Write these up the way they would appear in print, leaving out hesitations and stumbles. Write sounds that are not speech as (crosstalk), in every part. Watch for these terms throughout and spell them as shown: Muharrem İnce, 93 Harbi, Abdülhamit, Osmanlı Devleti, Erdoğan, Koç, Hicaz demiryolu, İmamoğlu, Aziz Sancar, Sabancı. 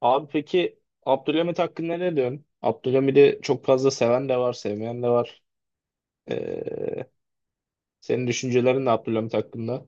Abi peki Abdülhamit hakkında ne diyorsun? Abdülhamit'i çok fazla seven de var, sevmeyen de var. Ee, Senin düşüncelerin ne Abdülhamit hakkında?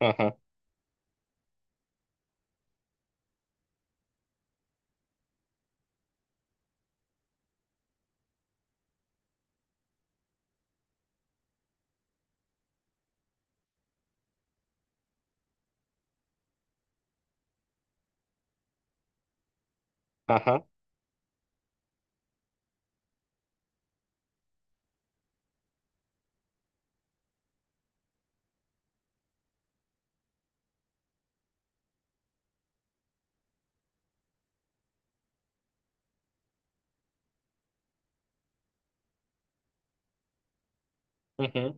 Aha, aha, hı hı,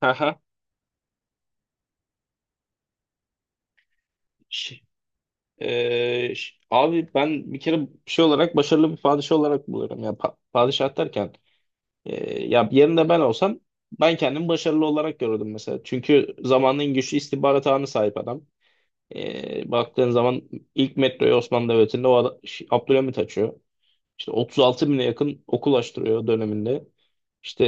aha. Ş- Abi ben bir kere şey olarak başarılı bir padişah olarak buluyorum. Ya padişah derken ya yerinde ben olsam ben kendimi başarılı olarak görürdüm mesela. Çünkü zamanın güçlü istihbarat ağına sahip adam. Baktığın zaman ilk metroyu Osmanlı Devleti'nde o adam, Abdülhamit açıyor. İşte 36 bine yakın okul açtırıyor döneminde. İşte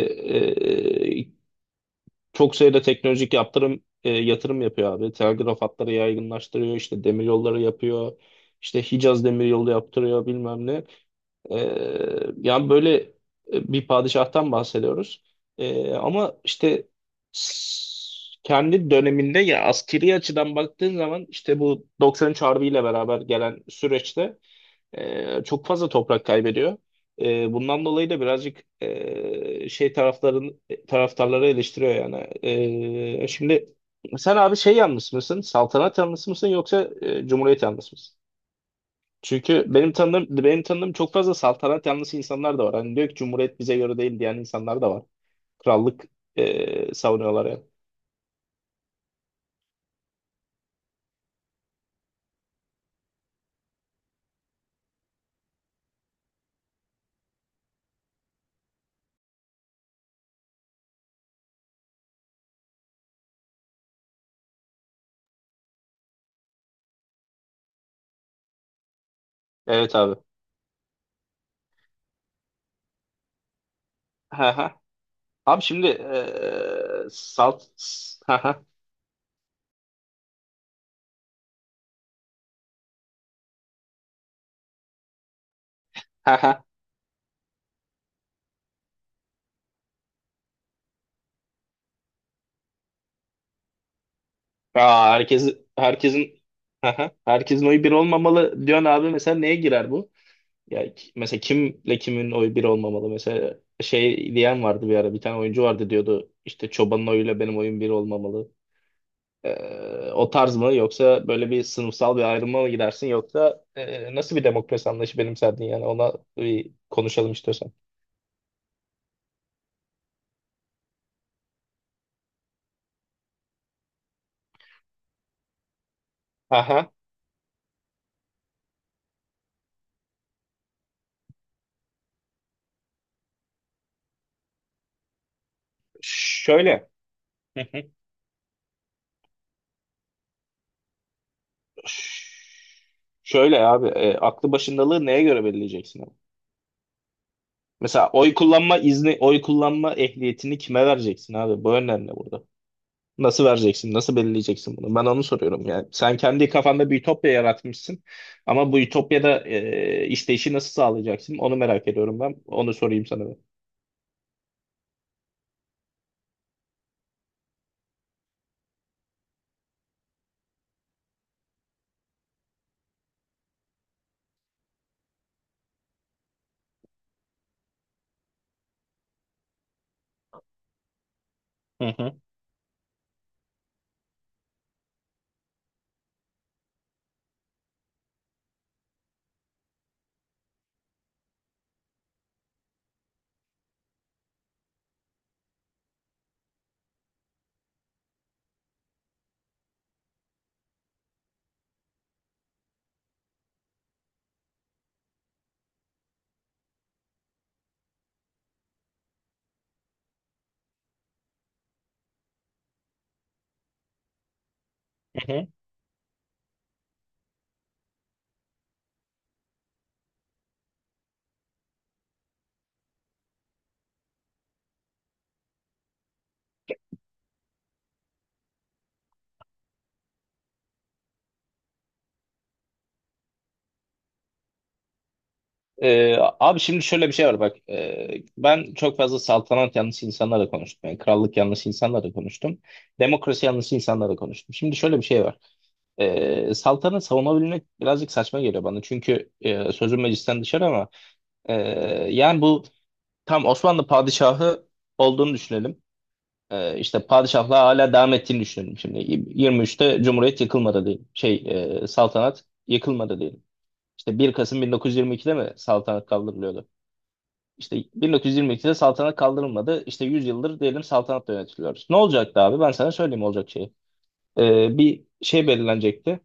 çok sayıda teknolojik yaptırım yatırım yapıyor abi. Telgraf hatları yaygınlaştırıyor, işte demiryolları yapıyor, işte Hicaz demiryolu yaptırıyor bilmem ne. E, Yani böyle bir padişahtan bahsediyoruz. Ama işte s- kendi döneminde ya askeri açıdan baktığın zaman işte bu 93 Harbi ile beraber gelen süreçte çok fazla toprak kaybediyor. Bundan dolayı da birazcık şey tarafların taraftarları eleştiriyor yani. Şimdi sen abi şey yanlısı mısın? Saltanat yanlısı mısın yoksa Cumhuriyet yanlısı mısın? Çünkü benim tanıdığım çok fazla saltanat yanlısı insanlar da var. Hani diyor ki Cumhuriyet bize göre değil diyen insanlar da var. Krallık savunuyorlar yani. Evet abi. Ha ha. Abi şimdi salt ha ha ha ha. Aa, herkesin ha ha. Herkesin oyu bir olmamalı diyorsun abi, mesela neye girer bu? Ya mesela kimle kimin oyu bir olmamalı? Mesela şey diyen vardı, bir ara bir tane oyuncu vardı, diyordu işte çobanın oyuyla benim oyum bir olmamalı. O tarz mı yoksa böyle bir sınıfsal bir ayrıma mı gidersin, yoksa nasıl bir demokrasi anlayışı benimserdin yani, ona bir konuşalım istiyorsan. Aha. Şöyle. (laughs) Şöyle abi, aklı başındalığı neye göre belirleyeceksin abi? Mesela oy kullanma izni, oy kullanma ehliyetini kime vereceksin abi? Bu önemli burada. Nasıl vereceksin? Nasıl belirleyeceksin bunu? Ben onu soruyorum yani. Sen kendi kafanda bir ütopya yaratmışsın ama bu ütopyada işleyişi nasıl sağlayacaksın? Onu merak ediyorum ben. Onu sorayım sana ben. Hı hı. Hı hı. Abi şimdi şöyle bir şey var bak. Ben çok fazla saltanat yanlısı insanlarla konuştum, yani krallık yanlısı insanlarla konuştum, demokrasi yanlısı insanlarla konuştum, şimdi şöyle bir şey var. Saltanat savunabilmek birazcık saçma geliyor bana, çünkü sözüm meclisten dışarı ama e, yani bu tam Osmanlı padişahı olduğunu düşünelim. İşte padişahlığa hala devam ettiğini düşünelim, şimdi 23'te Cumhuriyet yıkılmadı diyelim, şey saltanat yıkılmadı diyelim. İşte 1 Kasım 1922'de mi saltanat kaldırılıyordu, işte 1922'de saltanat kaldırılmadı. İşte 100 yıldır diyelim saltanatla yönetiliyoruz. Ne olacaktı abi? Ben sana söyleyeyim olacak şeyi. Bir şey belirlenecekti.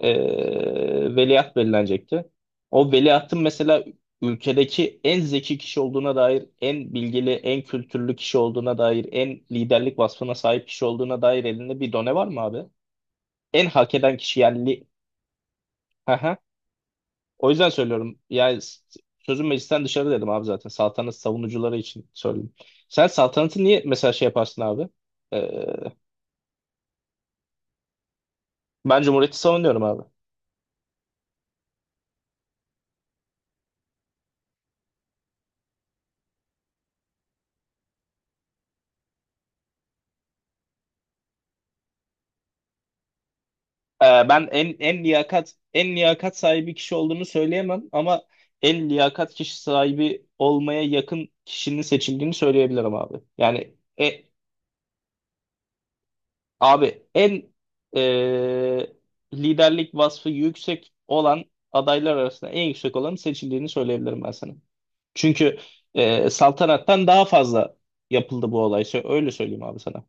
Veliaht belirlenecekti. O veliahtın mesela ülkedeki en zeki kişi olduğuna dair, en bilgili, en kültürlü kişi olduğuna dair, en liderlik vasfına sahip kişi olduğuna dair elinde bir done var mı abi? En hak eden kişi yani (laughs) O yüzden söylüyorum. Yani sözüm meclisten dışarı dedim abi zaten. Saltanat savunucuları için söyledim. Sen saltanatı niye mesela şey yaparsın abi? Ee, Ben cumhuriyeti savunuyorum abi. Ben en liyakat sahibi kişi olduğunu söyleyemem, ama en liyakat kişi sahibi olmaya yakın kişinin seçildiğini söyleyebilirim abi. Yani abi en e, liderlik vasfı yüksek olan adaylar arasında en yüksek olanın seçildiğini söyleyebilirim ben sana. Çünkü saltanattan daha fazla yapıldı bu olay. Öyle söyleyeyim abi sana.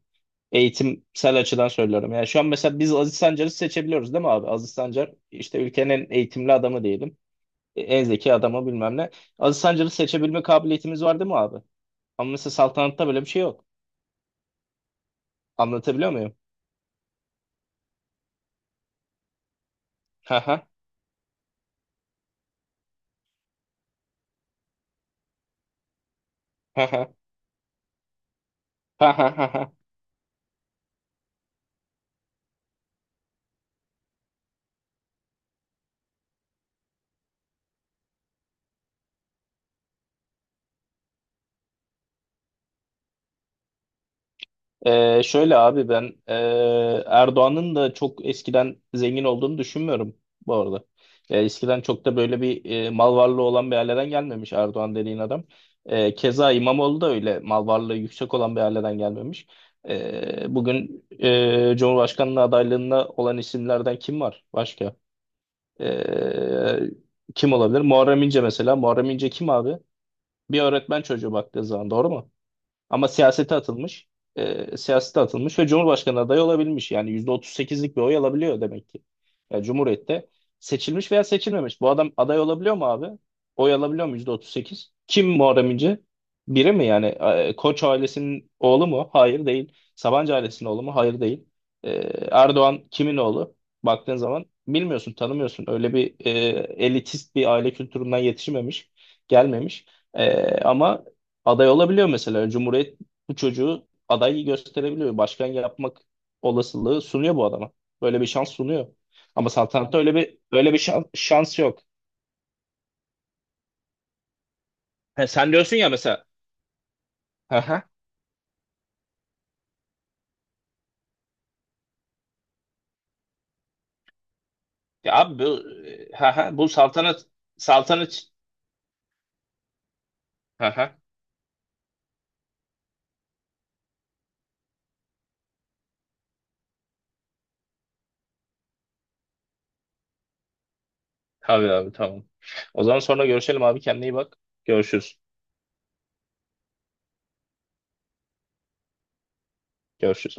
Eğitimsel açıdan söylüyorum. Yani şu an mesela biz Aziz Sancar'ı seçebiliyoruz değil mi abi? Aziz Sancar işte ülkenin en eğitimli adamı diyelim. En zeki adamı, bilmem ne. Aziz Sancar'ı seçebilme kabiliyetimiz var değil mi abi? Ama mesela saltanatta böyle bir şey yok. Anlatabiliyor muyum? Ha ha ha ha ha ha. Şöyle abi ben, Erdoğan'ın da çok eskiden zengin olduğunu düşünmüyorum bu arada. Eskiden çok da böyle bir mal varlığı olan bir aileden gelmemiş Erdoğan dediğin adam. Keza İmamoğlu da öyle mal varlığı yüksek olan bir aileden gelmemiş. Bugün Cumhurbaşkanlığı adaylığına olan isimlerden kim var başka? Kim olabilir? Muharrem İnce mesela. Muharrem İnce kim abi? Bir öğretmen çocuğu baktığı zaman, doğru mu? Ama siyasete atılmış. Siyasete atılmış ve Cumhurbaşkanı adayı olabilmiş. Yani %38'lik bir oy alabiliyor demek ki. Ya Cumhuriyet'te seçilmiş veya seçilmemiş. Bu adam aday olabiliyor mu abi? Oy alabiliyor mu %38. Kim Muharrem İnce? Biri mi yani? Koç ailesinin oğlu mu? Hayır değil. Sabancı ailesinin oğlu mu? Hayır değil. E, Erdoğan kimin oğlu? Baktığın zaman bilmiyorsun, tanımıyorsun. Öyle bir elitist bir aile kültüründen yetişmemiş, gelmemiş. Ama aday olabiliyor mesela. Cumhuriyet bu çocuğu aday gösterebiliyor. Başkan yapmak olasılığı sunuyor bu adama. Böyle bir şans sunuyor. Ama saltanatta öyle bir şans yok. He, sen diyorsun ya mesela. Haha. Ya abi bu, haha, bu saltanat saltanat. Haha. Tabii abi, tamam. O zaman sonra görüşelim abi, kendine iyi bak. Görüşürüz. Görüşürüz.